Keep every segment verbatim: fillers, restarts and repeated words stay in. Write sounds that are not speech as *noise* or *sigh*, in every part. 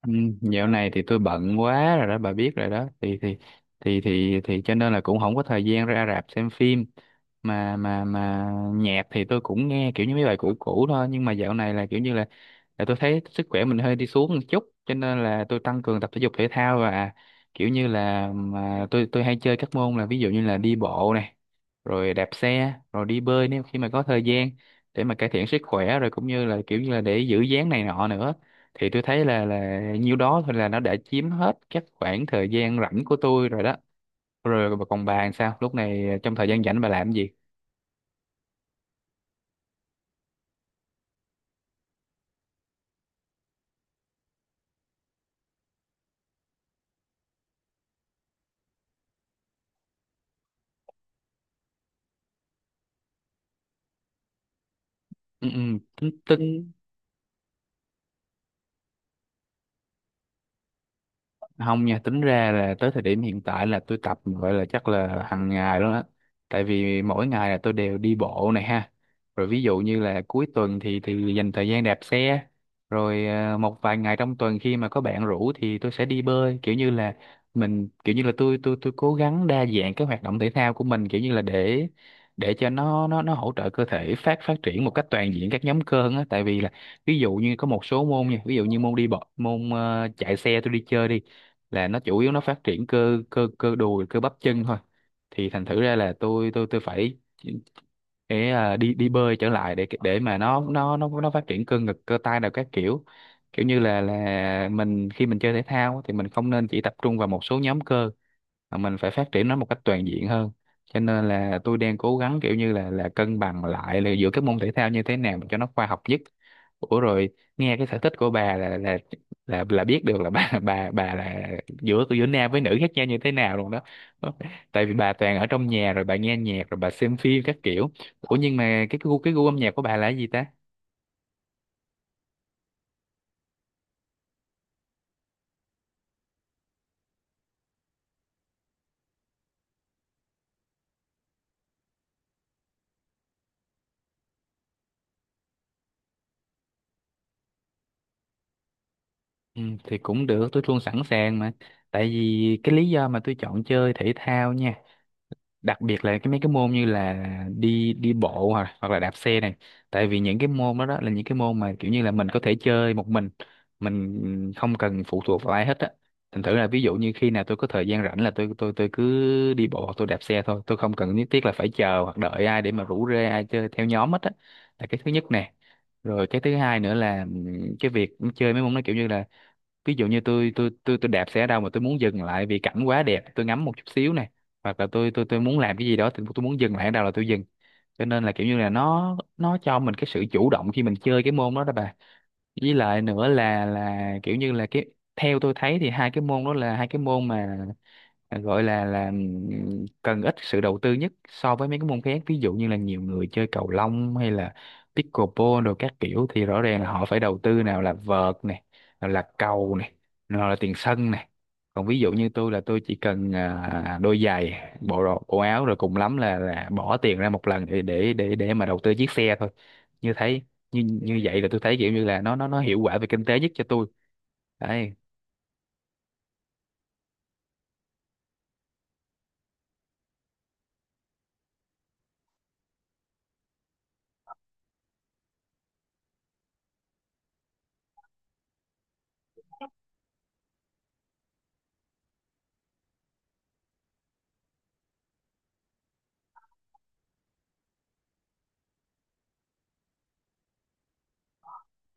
Ừ, dạo này thì tôi bận quá rồi đó, bà biết rồi đó, thì thì thì thì thì cho nên là cũng không có thời gian ra rạp xem phim, mà mà mà nhạc thì tôi cũng nghe kiểu như mấy bài cũ cũ thôi. Nhưng mà dạo này là kiểu như là là tôi thấy sức khỏe mình hơi đi xuống một chút, cho nên là tôi tăng cường tập thể dục thể thao, và kiểu như là mà tôi tôi hay chơi các môn, là ví dụ như là đi bộ này, rồi đạp xe, rồi đi bơi nếu khi mà có thời gian, để mà cải thiện sức khỏe, rồi cũng như là kiểu như là để giữ dáng này nọ nữa. Thì tôi thấy là là nhiêu đó thôi là nó đã chiếm hết các khoảng thời gian rảnh của tôi rồi đó. Rồi còn bà, làm sao lúc này, trong thời gian rảnh bà làm gì? Ừ, ừ, tính- Ừ. Tính- không nha, tính ra là tới thời điểm hiện tại là tôi tập, gọi là chắc là hàng ngày luôn á. Tại vì mỗi ngày là tôi đều đi bộ này ha, rồi ví dụ như là cuối tuần thì thì dành thời gian đạp xe, rồi à, một vài ngày trong tuần khi mà có bạn rủ thì tôi sẽ đi bơi. Kiểu như là mình, kiểu như là tôi tôi tôi cố gắng đa dạng cái hoạt động thể thao của mình, kiểu như là để để cho nó nó nó hỗ trợ cơ thể phát phát triển một cách toàn diện các nhóm cơ hơn á. Tại vì là, ví dụ như có một số môn nha, ví dụ như môn đi bộ, môn ờ, chạy xe tôi đi chơi đi, là nó chủ yếu nó phát triển cơ cơ cơ đùi, cơ bắp chân thôi. Thì thành thử ra là tôi tôi tôi phải để à, đi đi bơi trở lại, để để mà nó nó nó nó phát triển cơ ngực, cơ tay nào các kiểu. Kiểu như là là mình, khi mình chơi thể thao thì mình không nên chỉ tập trung vào một số nhóm cơ, mà mình phải phát triển nó một cách toàn diện hơn. Cho nên là tôi đang cố gắng, kiểu như là là cân bằng lại là giữa các môn thể thao như thế nào cho nó khoa học nhất. Ủa rồi, nghe cái sở thích của bà là là là là biết được là bà *laughs* bà bà là, giữa giữa nam với nữ khác nhau như thế nào luôn đó. Tại vì bà toàn ở trong nhà, rồi bà nghe nhạc, rồi bà xem phim các kiểu. Ủa nhưng mà cái gu cái gu âm nhạc của bà là cái gì ta? Ừ, thì cũng được, tôi luôn sẵn sàng mà. Tại vì cái lý do mà tôi chọn chơi thể thao nha, đặc biệt là cái mấy cái môn như là đi đi bộ, hoặc hoặc là đạp xe này. Tại vì những cái môn đó, đó là những cái môn mà kiểu như là mình có thể chơi một mình mình không cần phụ thuộc vào ai hết á. Thành thử là, ví dụ như khi nào tôi có thời gian rảnh là tôi tôi tôi cứ đi bộ hoặc tôi đạp xe thôi, tôi không cần nhất thiết là phải chờ hoặc đợi ai để mà rủ rê ai chơi theo nhóm hết á. Là cái thứ nhất nè. Rồi cái thứ hai nữa là ừm, cái việc chơi mấy môn nó kiểu như là, ví dụ như tôi tôi tôi tôi đạp xe ở đâu mà tôi muốn dừng lại vì cảnh quá đẹp, tôi ngắm một chút xíu này, hoặc là tôi tôi tôi muốn làm cái gì đó thì tôi muốn dừng lại ở đâu là tôi dừng. Cho nên là kiểu như là nó nó cho mình cái sự chủ động khi mình chơi cái môn đó đó bà. Với lại nữa là là kiểu như là cái, theo tôi thấy thì hai cái môn đó là hai cái môn mà à, gọi là là ừm, cần ít sự đầu tư nhất so với mấy cái môn khác, ví dụ như là nhiều người chơi cầu lông, hay là pickleball rồi các kiểu, thì rõ ràng là họ phải đầu tư, nào là vợt này, nào là cầu này, nào là tiền sân này. Còn ví dụ như tôi, là tôi chỉ cần à, đôi giày, bộ đồ, bộ áo, rồi cùng lắm là là bỏ tiền ra một lần để để để để mà đầu tư chiếc xe thôi. Như thấy như như vậy là tôi thấy kiểu như là nó nó nó hiệu quả về kinh tế nhất cho tôi đấy.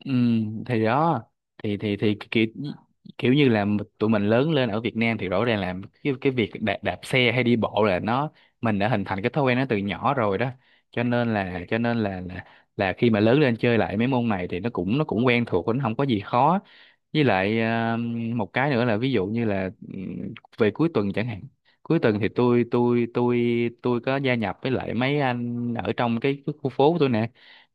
Ừ, thì đó. Thì thì thì kiểu kiểu như là tụi mình lớn lên ở Việt Nam thì rõ ràng là cái cái việc đạp, đạp xe hay đi bộ là nó, mình đã hình thành cái thói quen nó từ nhỏ rồi đó. Cho nên là cho nên là là, là khi mà lớn lên chơi lại mấy môn này thì nó cũng, nó cũng quen thuộc, nó không có gì khó. Với lại ờ, một cái nữa là, ví dụ như là ừ, về cuối tuần chẳng hạn. Cuối tuần thì tôi tôi tôi tôi có gia nhập với lại mấy anh ở trong cái khu phố tôi nè,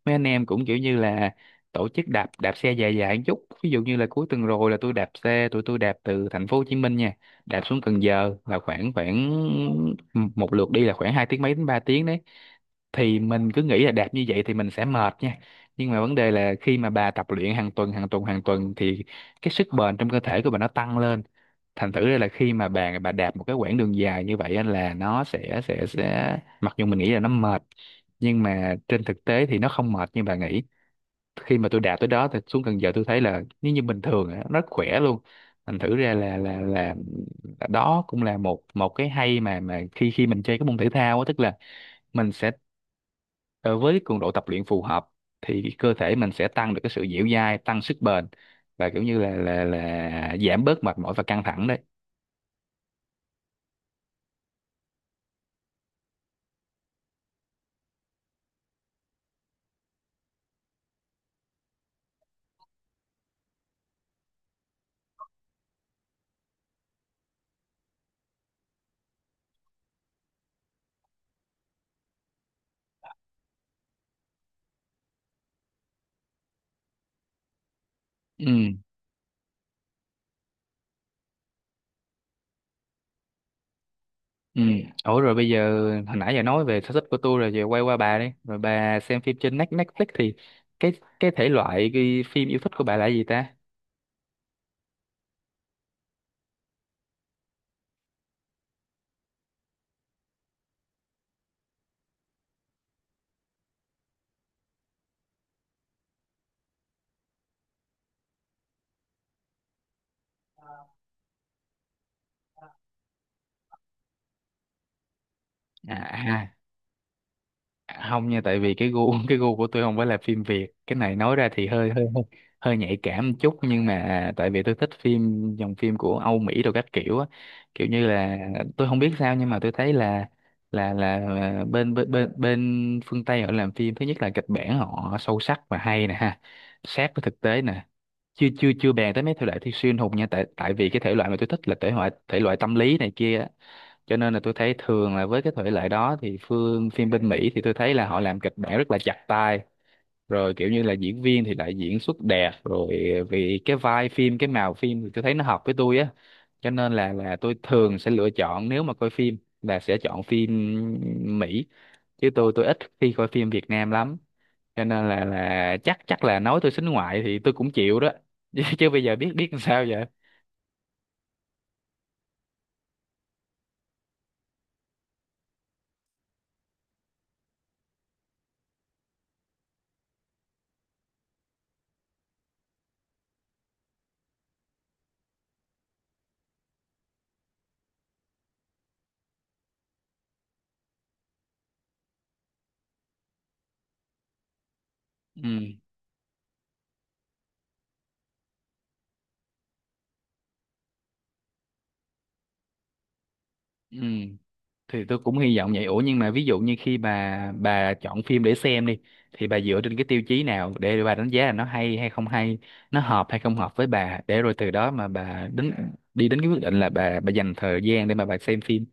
mấy anh em cũng kiểu như là tổ chức đạp đạp xe dài dài một chút. Ví dụ như là cuối tuần rồi là tôi đạp xe, tụi tôi đạp từ thành phố Hồ Chí Minh nha, đạp xuống Cần Giờ, là khoảng khoảng một lượt đi là khoảng hai tiếng mấy đến ba tiếng đấy. Thì mình cứ nghĩ là đạp như vậy thì mình sẽ mệt nha, nhưng mà vấn đề là khi mà bà tập luyện hàng tuần hàng tuần hàng tuần thì cái sức bền trong cơ thể của bà nó tăng lên. Thành thử ra là khi mà bà bà đạp một cái quãng đường dài như vậy á, là nó sẽ sẽ sẽ, mặc dù mình nghĩ là nó mệt, nhưng mà trên thực tế thì nó không mệt như bà nghĩ. Khi mà tôi đạt tới đó thì xuống Cần Giờ tôi thấy là, nếu như bình thường á, nó rất khỏe luôn. Thành thử ra là là là là đó cũng là một một cái hay, mà mà khi khi mình chơi cái môn thể thao á, tức là mình sẽ ờ, với cường độ tập luyện phù hợp thì cái cơ thể mình sẽ tăng được cái sự dẻo dai, tăng sức bền, và kiểu như là là là giảm bớt mệt mỏi và căng thẳng đấy. Ừ. Ừ. Ủa rồi bây giờ, hồi nãy giờ nói về sở thích của tôi rồi, giờ quay qua bà đi, rồi bà xem phim trên Net- Netflix thì, cái cái thể loại, cái phim yêu thích của bà là gì ta? À, à, không nha, tại vì cái gu *laughs* cái gu của tôi không phải là phim Việt. Cái này nói ra thì hơi hơi hơi hơi nhạy cảm một chút, nhưng mà tại vì tôi thích phim, dòng phim của Âu Mỹ đồ các kiểu á. Kiểu như là tôi không biết sao, nhưng mà tôi thấy là là là là bên bên bên bên phương Tây họ làm phim, thứ nhất là kịch bản họ sâu sắc và hay nè ha, sát với thực tế nè. Chưa chưa Chưa bàn tới mấy thể loại thi siêu anh hùng nha, tại tại vì cái thể loại mà tôi thích là thể loại, thể loại tâm lý này kia. Cho nên là tôi thấy thường là, với cái thể loại đó thì phương phim bên Mỹ thì tôi thấy là họ làm kịch bản rất là chặt tay, rồi kiểu như là diễn viên thì lại diễn xuất đẹp, rồi vì cái vai phim, cái màu phim thì tôi thấy nó hợp với tôi á. Cho nên là là tôi thường sẽ lựa chọn, nếu mà coi phim là sẽ chọn phim Mỹ, chứ tôi tôi ít khi coi phim Việt Nam lắm. Cho nên là là chắc chắc là nói tôi xính ngoại thì tôi cũng chịu đó *laughs* chứ chứ bây giờ biết biết làm sao vậy. Ừ. Ừ, thì tôi cũng hy vọng vậy. Ủa nhưng mà ví dụ như khi bà bà chọn phim để xem đi, thì bà dựa trên cái tiêu chí nào để bà đánh giá là nó hay hay không hay, nó hợp hay không hợp với bà, để rồi từ đó mà bà đến đi đến cái quyết định là bà bà dành thời gian để mà bà xem phim?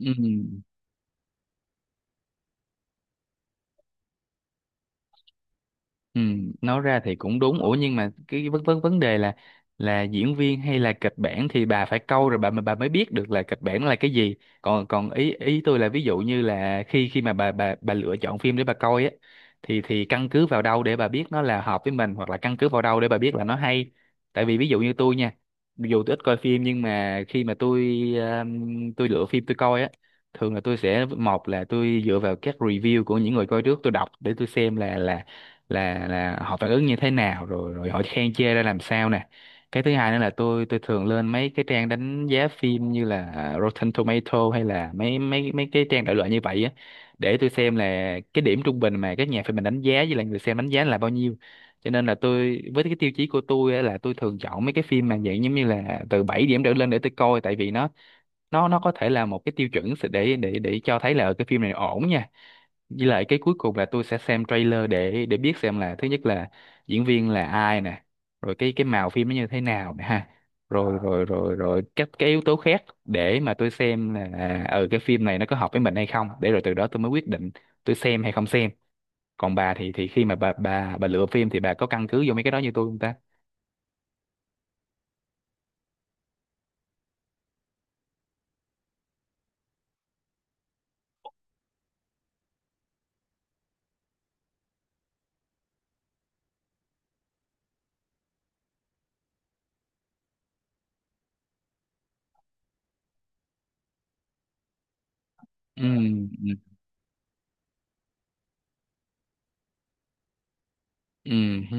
Ừ. Ừ, nói ra thì cũng đúng. Ủa nhưng mà cái vấn vấn vấn đề là là diễn viên hay là kịch bản thì bà phải câu rồi bà bà mới biết được là kịch bản là cái gì. Còn còn ý ý tôi là ví dụ như là khi khi mà bà bà bà lựa chọn phim để bà coi á thì thì căn cứ vào đâu để bà biết nó là hợp với mình hoặc là căn cứ vào đâu để bà biết là nó hay. Tại vì ví dụ như tôi nha, dù tôi ít coi phim nhưng mà khi mà tôi um, tôi lựa phim tôi coi á, thường là tôi sẽ một là tôi dựa vào các review của những người coi trước tôi đọc để tôi xem là là là là họ phản ứng như thế nào rồi rồi họ khen chê ra làm sao nè. Cái thứ hai nữa là tôi tôi thường lên mấy cái trang đánh giá phim như là à, Rotten Tomato hay là mấy mấy mấy cái trang đại loại như vậy á, để tôi xem là cái điểm trung bình mà các nhà phê bình đánh giá với lại người xem đánh giá là bao nhiêu. Cho nên là tôi với cái tiêu chí của tôi á, là tôi thường chọn mấy cái phim mà dạng giống như là từ bảy điểm trở lên để tôi coi, tại vì nó nó nó có thể là một cái tiêu chuẩn để để để cho thấy là cái phim này ổn nha. Với lại cái cuối cùng là tôi sẽ xem trailer để để biết xem là thứ nhất là diễn viên là ai nè, rồi cái cái màu phim nó như thế nào nè ha, rồi Ờ, rồi rồi rồi các cái yếu tố khác để mà tôi xem là ờ cái phim này nó có hợp với mình hay không, để rồi từ đó tôi mới quyết định tôi xem hay không xem. Còn bà thì thì khi mà bà bà bà lựa phim thì bà có căn cứ vô mấy cái đó như tôi không ta? Ừ. Ừ, hừ.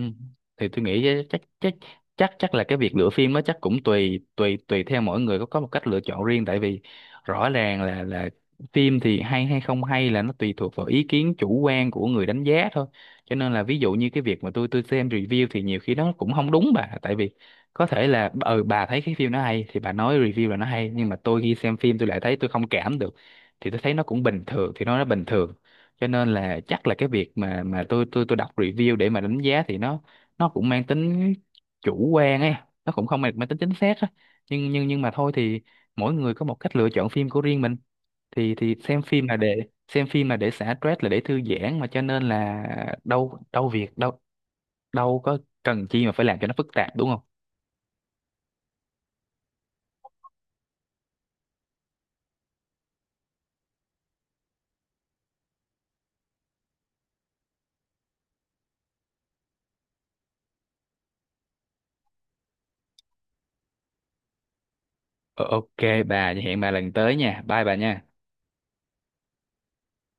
Thì tôi nghĩ chắc chắc chắc chắc là cái việc lựa phim nó chắc cũng tùy tùy tùy theo mỗi người, có có một cách lựa chọn riêng, tại vì rõ ràng là là phim thì hay hay không hay là nó tùy thuộc vào ý kiến chủ quan của người đánh giá thôi. Cho nên là ví dụ như cái việc mà tôi tôi xem review thì nhiều khi nó cũng không đúng bà, tại vì có thể là ừ bà thấy cái phim nó hay thì bà nói review là nó hay, nhưng mà tôi khi xem phim tôi lại thấy tôi không cảm được, thì tôi thấy nó cũng bình thường thì nó nó bình thường. Cho nên là chắc là cái việc mà mà tôi tôi tôi đọc review để mà đánh giá thì nó nó cũng mang tính chủ quan ấy, nó cũng không mang mang tính chính xác á. Nhưng nhưng nhưng mà thôi thì mỗi người có một cách lựa chọn phim của riêng mình, thì thì xem phim là để xem phim là để xả stress là để thư giãn mà, cho nên là đâu đâu việc đâu đâu có cần chi mà phải làm cho nó phức tạp đúng không. Ờ, ok bà, hẹn bà lần tới nha, bye bà nha.